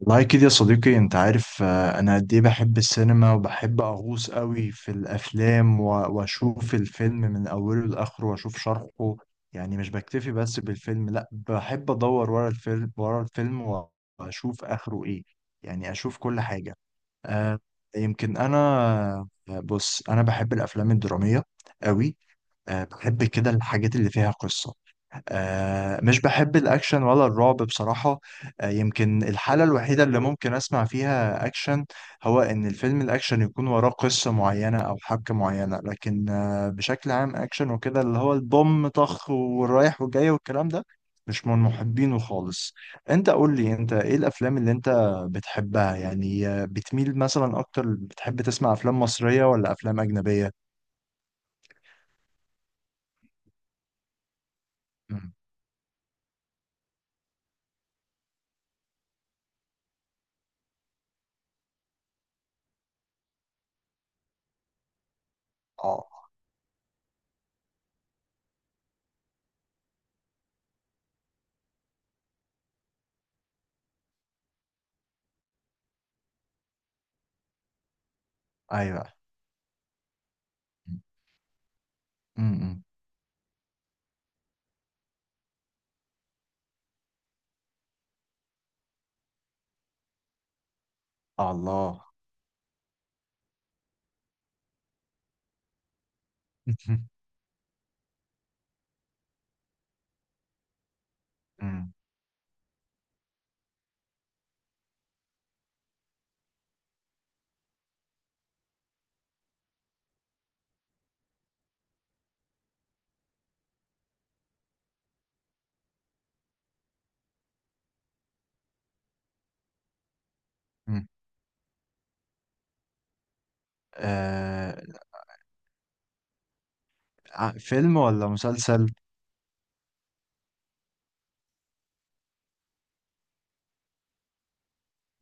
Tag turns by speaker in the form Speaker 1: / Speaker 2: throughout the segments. Speaker 1: والله كده يا صديقي، انت عارف، انا قد ايه بحب السينما، وبحب اغوص قوي في الافلام، و- واشوف الفيلم من اوله لاخره واشوف شرحه. يعني مش بكتفي بس بالفيلم، لا، بحب ادور ورا الفيلم ورا الفيلم، و- واشوف اخره ايه. يعني اشوف كل حاجة. آه، يمكن انا. بص، انا بحب الافلام الدرامية قوي. بحب كده الحاجات اللي فيها قصة. مش بحب الأكشن ولا الرعب بصراحة. يمكن الحالة الوحيدة اللي ممكن أسمع فيها أكشن هو إن الفيلم الأكشن يكون وراه قصة معينة أو حبكة معينة، لكن بشكل عام أكشن وكده اللي هو البوم طخ والرايح والجاي والكلام ده مش من محبينه خالص. أنت قول لي، أنت إيه الأفلام اللي أنت بتحبها؟ يعني بتميل مثلا أكتر، بتحب تسمع أفلام مصرية ولا أفلام أجنبية؟ مم. آه، أيوه. مم. مم. الله. مم. مم. آه... فيلم ولا مسلسل؟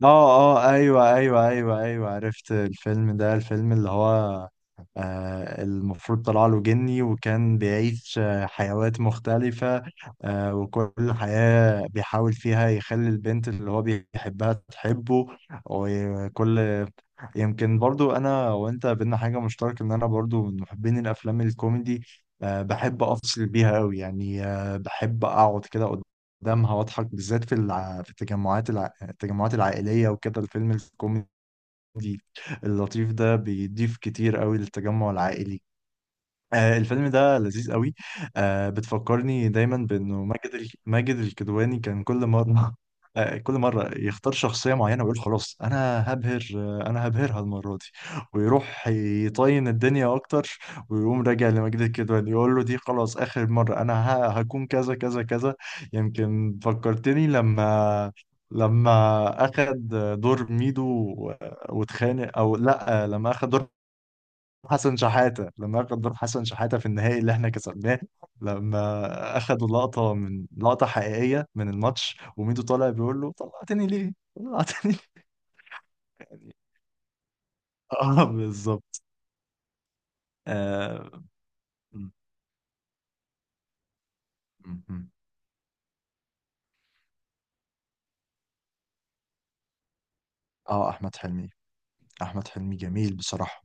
Speaker 1: اه، اه، ايوه، ايوه، ايوه، ايوه، عرفت الفيلم ده. الفيلم اللي هو المفروض طلع له جني، وكان بيعيش حيوات مختلفة. وكل حياة بيحاول فيها يخلي البنت اللي هو بيحبها تحبه. وكل يمكن برضو انا وانت بينا حاجة مشتركة، ان انا برضو من محبين الافلام الكوميدي. بحب افصل بيها قوي، يعني بحب اقعد كده قدامها واضحك، بالذات في في التجمعات العائلية. وكده الفيلم الكوميدي اللطيف ده بيضيف كتير قوي للتجمع العائلي. الفيلم ده لذيذ قوي. بتفكرني دايما بانه ماجد الكدواني كان كل مره كل مره يختار شخصيه معينه ويقول خلاص انا هبهر آه، انا هبهرها المره دي، ويروح يطين الدنيا اكتر، ويقوم راجع لماجد الكدواني يقول له دي خلاص اخر مره، انا هكون كذا كذا كذا. يمكن فكرتني لما اخد دور ميدو و- واتخانق، او لا، لما اخد دور حسن شحاتة. لما أخد دور حسن شحاتة في النهائي اللي إحنا كسبناه، لما أخدوا لقطة من لقطة حقيقية من الماتش، وميدو طالع بيقول له طلعتني ليه؟ طلعتني ليه؟ يعني بالظبط. آه م- م- م. آه أحمد حلمي أحمد حلمي جميل بصراحة.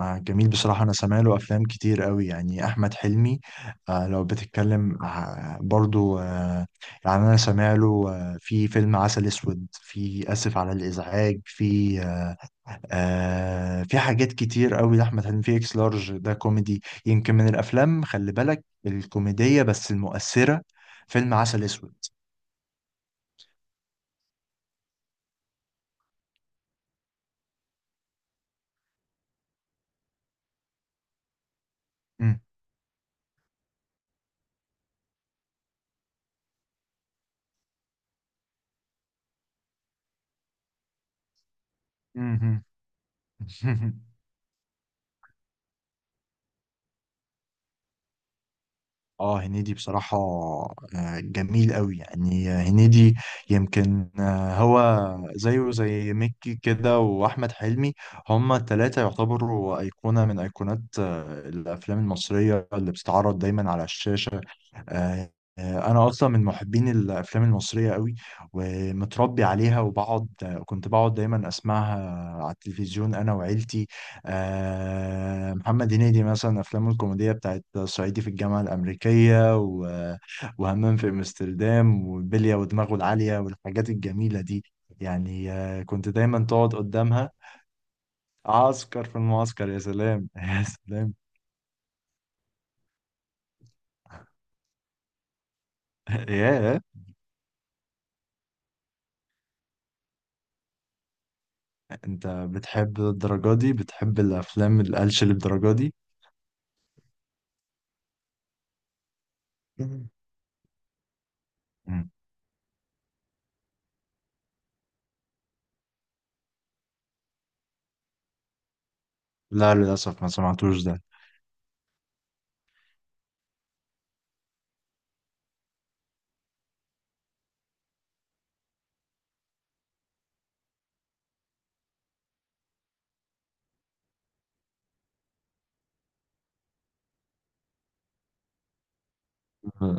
Speaker 1: جميل بصراحة. أنا سامع له أفلام كتير قوي، يعني أحمد حلمي لو بتتكلم برضو. يعني أنا سامع له في فيلم عسل أسود، في آسف على الإزعاج، في آه، آه في حاجات كتير قوي لأحمد حلمي. في اكس لارج، ده كوميدي، يمكن من الأفلام، خلي بالك، الكوميدية بس المؤثرة. فيلم عسل أسود. مم. مم. اه، هنيدي بصراحة جميل قوي يعني هنيدي. يمكن هو زيه زي مكي كده وأحمد حلمي، هما التلاتة يعتبروا أيقونة من أيقونات الأفلام المصرية اللي بتتعرض دايما على الشاشة. آه، أنا أصلا من محبين الأفلام المصرية قوي، ومتربي عليها، وبقعد آه، كنت بقعد دايما أسمعها على التلفزيون أنا وعيلتي. محمد هنيدي مثلا، أفلامه الكوميدية بتاعت صعيدي في الجامعة الأمريكية، و- وهمام في أمستردام، وبلية، ودماغه العالية، والحاجات الجميلة دي. يعني كنت دايما تقعد قدامها. عسكر في المعسكر، يا سلام! يا سلام! يا أنت بتحب الدرجة دي؟ بتحب الأفلام القلش للدرجة دي؟ مم. مم. لا، للأسف ما سمعتوش ده.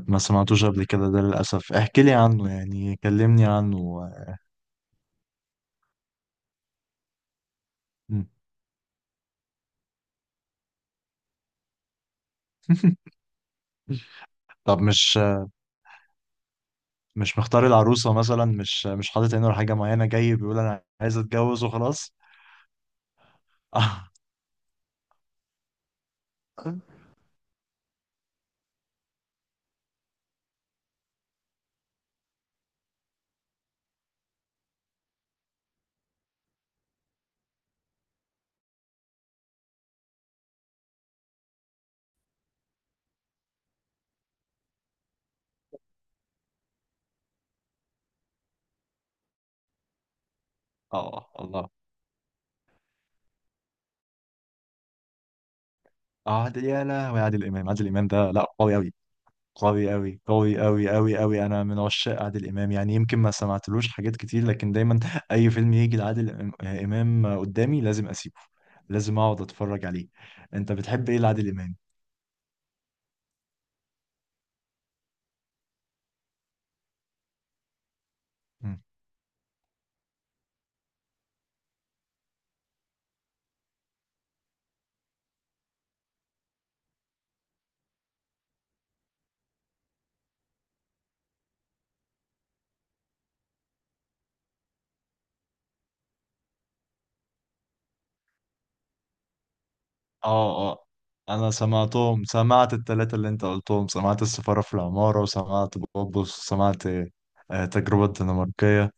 Speaker 1: ما سمعتوش قبل كده ده للأسف، احكي لي عنه، يعني كلمني عنه. مم. طب، مش مختار العروسة مثلا، مش حاطط عينه على حاجة معينة، جاي بيقول أنا عايز أتجوز وخلاص؟ اه، الله. يا لهوي، عادل إمام ده لا قوي أوي، قوي أوي، قوي أوي، أوي أوي. أنا من عشاق عادل إمام، يعني يمكن ما سمعتلوش حاجات كتير، لكن دايما أي فيلم يجي لعادل إمام قدامي لازم أسيبه، لازم أقعد أتفرج عليه. أنت بتحب إيه لعادل إمام؟ اه، اه، انا سمعت التلاتة اللي انت قلتهم، سمعت السفارة في العمارة، وسمعت بوبوس، وسمعت تجربة الدنماركية.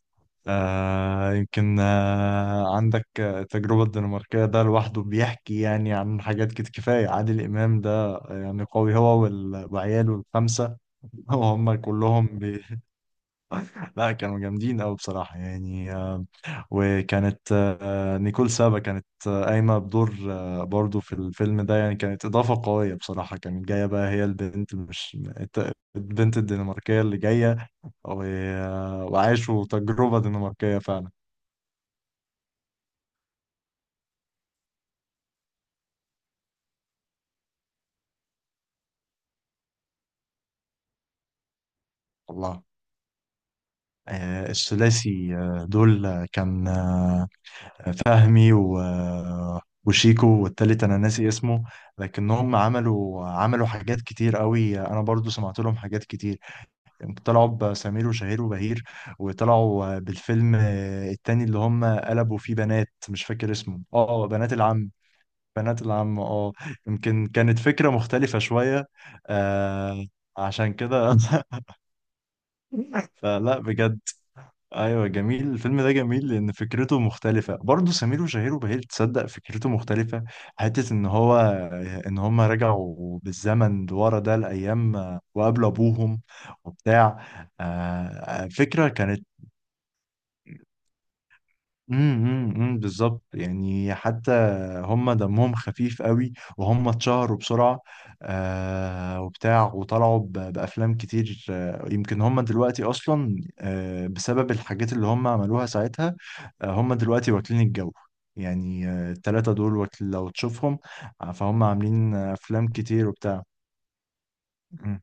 Speaker 1: يمكن عندك التجربة الدنماركية ده لوحده بيحكي يعني عن حاجات كده، كفاية عادل إمام ده يعني قوي، هو وال- وعياله الخمسة. وهم كلهم. لا، كانوا جامدين أوي بصراحة، يعني وكانت نيكول سابا كانت قايمة بدور برضو في الفيلم ده، يعني كانت إضافة قوية بصراحة. كانت جاية بقى هي البنت، مش البنت الدنماركية اللي جاية، و- آه، وعاشوا تجربة دنماركية فعلا. والله الثلاثي دول كان فهمي و... وشيكو، والتالت انا ناسي اسمه. لكنهم عملوا حاجات كتير قوي، انا برضو سمعت لهم حاجات كتير. طلعوا بسمير وشهير وبهير، وطلعوا بالفيلم التاني اللي هم قلبوا فيه بنات، مش فاكر اسمه، بنات العم. بنات العم، اه. يمكن كانت فكرة مختلفة شوية. آه، عشان كده. فلا، بجد. ايوه، جميل الفيلم ده، جميل لان فكرته مختلفه برضه. سمير وشهير وبهير، تصدق فكرته مختلفه، حته ان هم رجعوا بالزمن لورا ده الايام، وقابلوا ابوهم وبتاع. فكره كانت. أمم، بالظبط، يعني حتى هم دمهم خفيف قوي، وهم اتشهروا بسرعة وبتاع، وطلعوا ب- بأفلام كتير. يمكن هم دلوقتي أصلا بسبب الحاجات اللي هم عملوها ساعتها، هم دلوقتي واكلين الجو. يعني التلاتة دول لو تشوفهم، فهم عاملين أفلام كتير وبتاع. امم.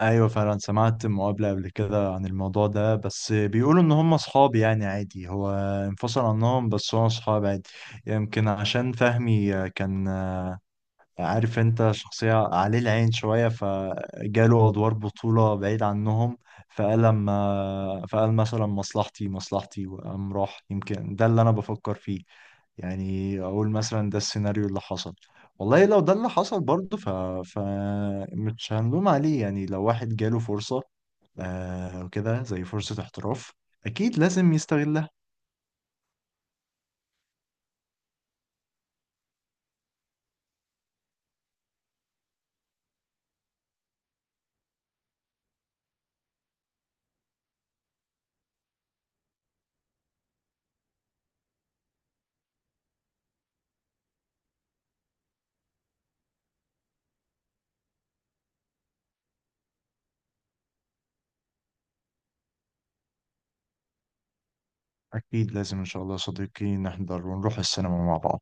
Speaker 1: ايوه، فعلا سمعت مقابلة قبل كده عن الموضوع ده، بس بيقولوا ان هم اصحاب، يعني عادي، هو انفصل عنهم بس هو اصحاب عادي. يمكن عشان فهمي كان عارف، انت شخصية عليه العين شوية، فجاله ادوار بطولة بعيد عنهم، فقال مثلا مصلحتي مصلحتي وقام راح، يمكن ده اللي انا بفكر فيه، يعني اقول مثلا ده السيناريو اللي حصل. والله لو ده اللي حصل برضه ف... ف مش هنلوم عليه، يعني لو واحد جاله فرصة وكده زي فرصة احتراف أكيد لازم يستغلها. أكيد لازم إن شاء الله يا صديقي نحضر ونروح السينما مع بعض.